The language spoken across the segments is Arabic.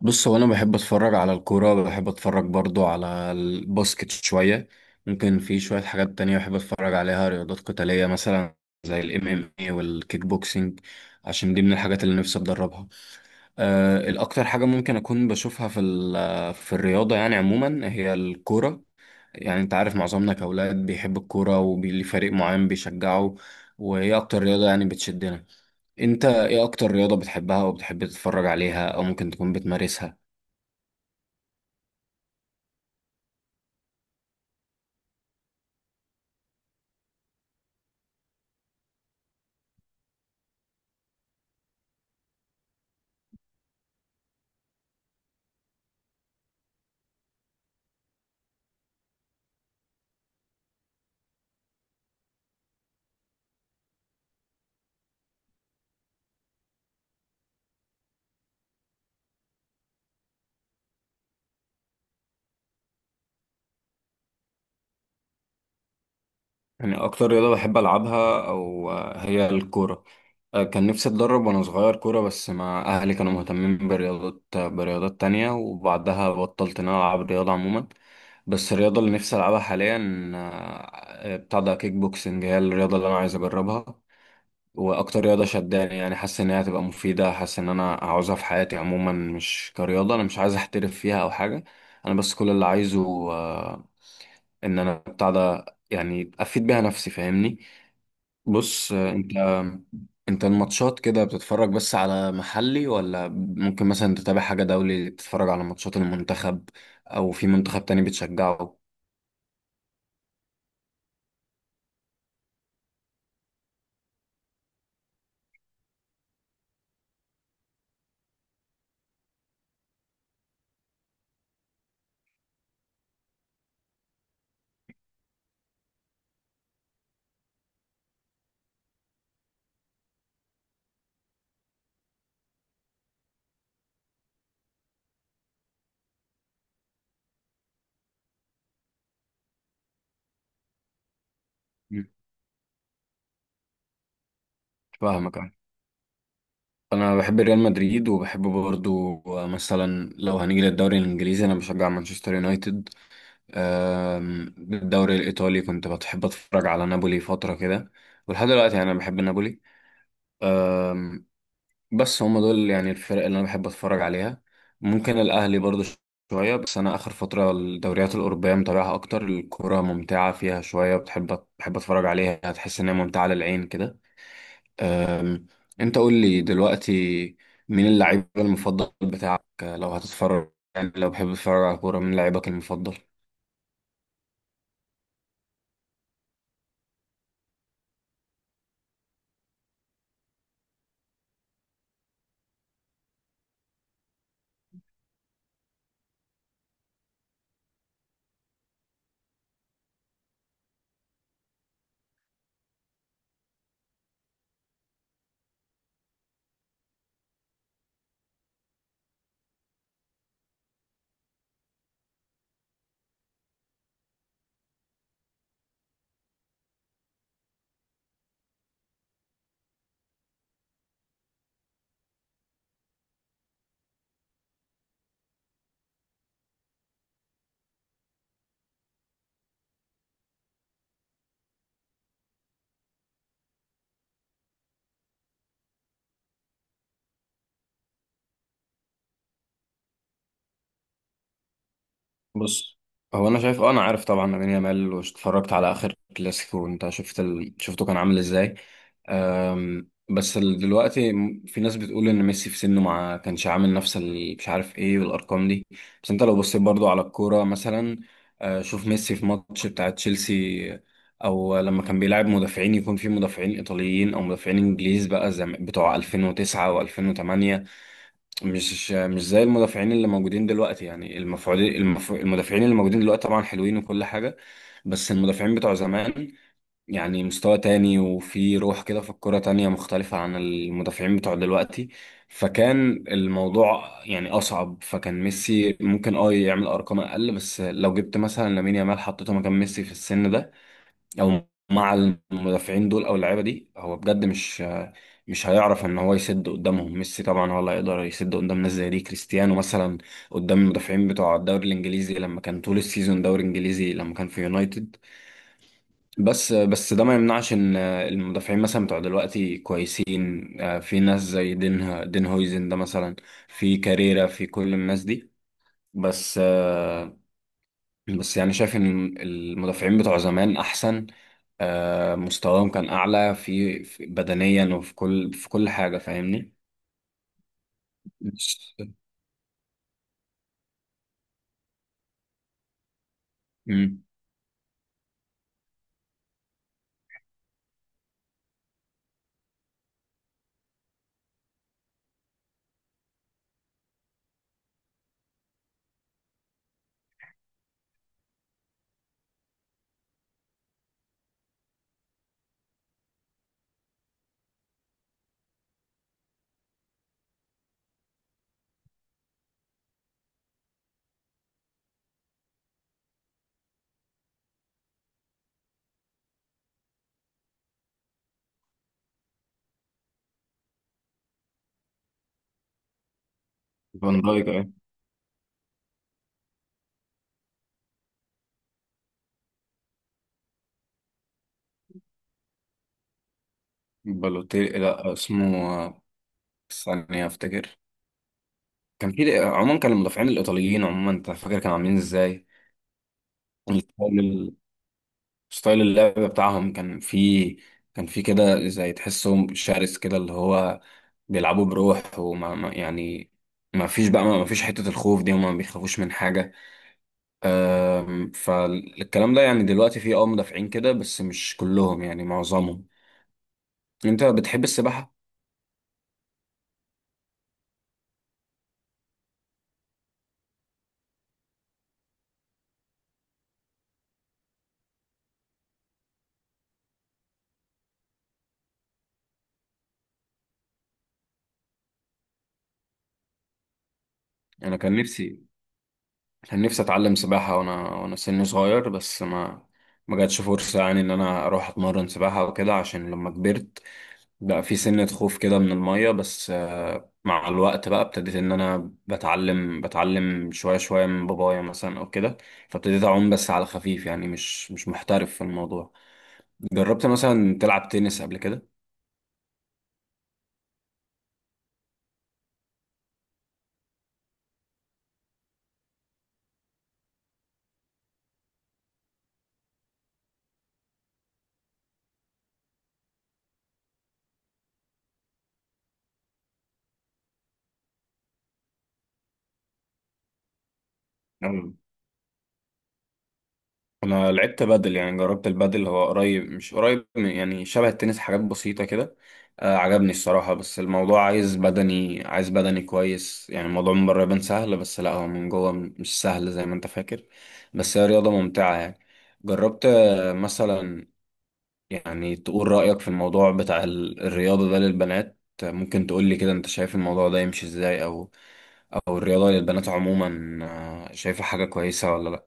بص هو انا بحب اتفرج على الكوره، بحب اتفرج برضو على الباسكت شويه. ممكن في شويه حاجات تانية بحب اتفرج عليها، رياضات قتاليه مثلا زي الام ام اي والكيك بوكسينج، عشان دي من الحاجات اللي نفسي اتدربها. الاكتر حاجه ممكن اكون بشوفها في الرياضه يعني عموما هي الكوره. يعني انت عارف معظمنا كاولاد بيحب الكوره وليه فريق معين بيشجعه، وهي اكتر رياضه يعني بتشدنا. انت ايه اكتر رياضه بتحبها او بتحب تتفرج عليها او ممكن تكون بتمارسها؟ يعني أكتر رياضة بحب ألعبها أو هي الكورة. كان نفسي أتدرب وأنا صغير كورة، بس ما أهلي كانوا مهتمين برياضات، برياضات تانية، وبعدها بطلت إن أنا ألعب رياضة عموما. بس الرياضة اللي نفسي ألعبها حاليا، بتاع ده كيك بوكسنج، هي الرياضة اللي أنا عايز أجربها. وأكتر رياضة شداني، يعني حاسس إن هي هتبقى مفيدة، حاسس إن أنا عاوزها في حياتي عموما، مش كرياضة، أنا مش عايز أحترف فيها أو حاجة. أنا بس كل اللي عايزه، إن أنا بتاع ده، يعني أفيد بيها نفسي، فاهمني؟ بص انت، انت الماتشات كده بتتفرج بس على محلي، ولا ممكن مثلا تتابع حاجة دولي، تتفرج على ماتشات المنتخب، او في منتخب تاني بتشجعه؟ مم. فاهمك اه. انا بحب ريال مدريد، وبحب برضو مثلا لو هنيجي للدوري الانجليزي انا بشجع مانشستر يونايتد. بالدوري الايطالي كنت بحب اتفرج على نابولي فترة كده، ولحد دلوقتي يعني انا بحب نابولي. بس هم دول يعني الفرق اللي انا بحب اتفرج عليها. ممكن الاهلي برضو شويه، بس انا اخر فتره الدوريات الاوروبيه متابعها اكتر، الكوره ممتعه فيها شويه، بتحب بحب اتفرج عليها هتحس ان هي ممتعه للعين كده. أم، انت قول لي دلوقتي، مين اللعيب المفضل بتاعك لو هتتفرج؟ يعني لو بحب تتفرج على كوره، مين لعيبك المفضل؟ بص، هو انا شايف اه، انا عارف طبعا لامين يامال، واتفرجت على اخر كلاسيكو، وانت شفت شفته كان عامل ازاي. دلوقتي في ناس بتقول ان ميسي في سنه ما كانش عامل نفس اللي مش عارف ايه والارقام دي. بس انت لو بصيت برضو على الكوره مثلا، شوف ميسي في ماتش بتاع تشيلسي، او لما كان بيلعب مدافعين، يكون في مدافعين ايطاليين او مدافعين انجليز بقى زي بتوع 2009 و2008. مش زي المدافعين اللي موجودين دلوقتي، يعني المدافعين اللي موجودين دلوقتي طبعا حلوين وكل حاجة. بس المدافعين بتوع زمان يعني مستوى تاني، وفي روح كده في الكرة تانية مختلفة عن المدافعين بتوع دلوقتي. فكان الموضوع يعني أصعب، فكان ميسي ممكن اه يعمل أرقام أقل. بس لو جبت مثلا لامين يامال حطيته مكان ميسي في السن ده، او مع المدافعين دول او اللعيبه دي، هو بجد مش هيعرف ان هو يسد قدامهم. ميسي طبعا هو اللي هيقدر يسد قدام ناس زي دي، كريستيانو مثلا قدام المدافعين بتوع الدوري الانجليزي لما كان طول السيزون دوري انجليزي لما كان في يونايتد. بس ده ما يمنعش ان المدافعين مثلا بتوع دلوقتي كويسين، في ناس زي دين هويزن ده مثلا، في كاريرا، في كل الناس دي. بس آه، بس يعني شايف ان المدافعين بتوع زمان احسن. مستواهم كان أعلى بدنيا، وفي كل في كل حاجة، فاهمني؟ مش- مم. فان دايك أه. بالوتيلي، لا اسمه ثانية أفتكر. كان في عموما كان المدافعين الإيطاليين عموما، أنت فاكر كانوا عاملين إزاي؟ الستايل، ستايل اللعب بتاعهم، كان في كده زي تحسهم شرس، كده اللي هو بيلعبوا بروح، وما ما- يعني ما فيش حتة الخوف دي، هما ما بيخافوش من حاجة. فالكلام ده يعني دلوقتي فيه اه مدافعين كده بس مش كلهم، يعني معظمهم. انت بتحب السباحة؟ انا كان نفسي، كان نفسي اتعلم سباحة وانا وانا سني صغير، بس ما ما جاتش فرصة يعني ان انا اروح اتمرن سباحة وكده، عشان لما كبرت بقى في سنة خوف كده من المية. بس مع الوقت بقى ابتديت ان انا بتعلم، بتعلم شوية شوية من بابايا مثلا او كده. فابتديت اعوم بس على خفيف، يعني مش محترف في الموضوع. جربت مثلا تلعب تنس قبل كده؟ أم. انا لعبت بادل، يعني جربت البادل، هو قريب، مش قريب من- يعني شبه التنس، حاجات بسيطة كده. آه عجبني الصراحة، بس الموضوع عايز بدني، عايز بدني كويس، يعني الموضوع من بره يبان سهل بس لا، هو من جوه مش سهل زي ما انت فاكر. بس هي رياضة ممتعة يعني. جربت آه، مثلا يعني تقول رأيك في الموضوع بتاع الرياضة ده للبنات، ممكن تقول لي كده انت شايف الموضوع ده يمشي ازاي، او او الرياضة للبنات عموما، شايفة حاجة كويسة ولا لا؟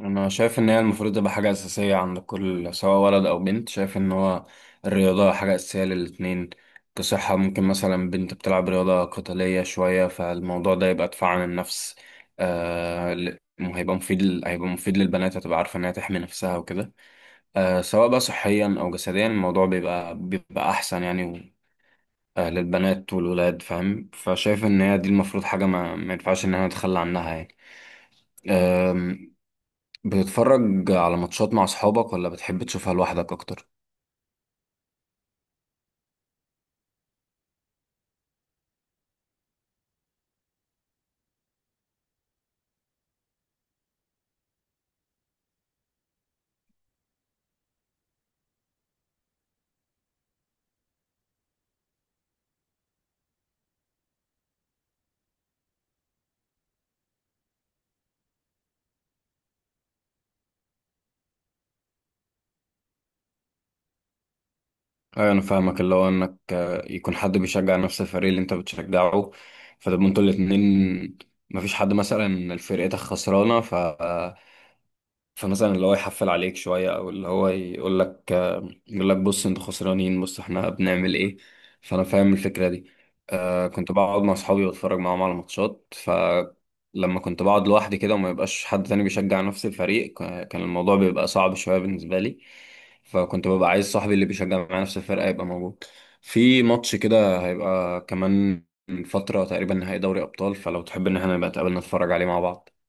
انا شايف ان هي المفروض تبقى حاجه اساسيه عند كل، سواء ولد او بنت، شايف ان هو الرياضه حاجه اساسيه للاتنين. كصحه، ممكن مثلا بنت بتلعب رياضه قتاليه شويه، فالموضوع ده يبقى دفاع عن النفس. آه، هيبقى مفيد للبنات، هتبقى عارفه انها تحمي نفسها وكده. آه، سواء بقى صحيا او جسديا، الموضوع بيبقى احسن يعني. و... آه، للبنات والولاد، فاهم؟ فشايف ان هي دي المفروض حاجه ما ينفعش ان انا اتخلى عنها يعني. بتتفرج على ماتشات مع أصحابك، ولا بتحب تشوفها لوحدك أكتر؟ ايوه انا فاهمك، اللي هو انك يكون حد بيشجع نفس الفريق اللي انت بتشجعه، فتبقوا انتوا الاتنين. مفيش حد مثلا فرقتك خسرانه فمثلا اللي هو يحفل عليك شوية، أو اللي هو يقول لك، يقول لك بص أنتوا خسرانين، بص إحنا بنعمل إيه. فأنا فاهم الفكرة دي. آه كنت بقعد مع أصحابي وأتفرج معاهم على ماتشات، فلما كنت بقعد لوحدي كده وما يبقاش حد تاني بيشجع نفس الفريق، كان الموضوع بيبقى صعب شوية بالنسبة لي. فكنت ببقى عايز صاحبي اللي بيشجع معايا نفس الفرقة يبقى موجود. في ماتش كده هيبقى كمان فترة تقريبا، نهائي دوري أبطال، فلو تحب إن إحنا نبقى نتقابل نتفرج عليه مع بعض.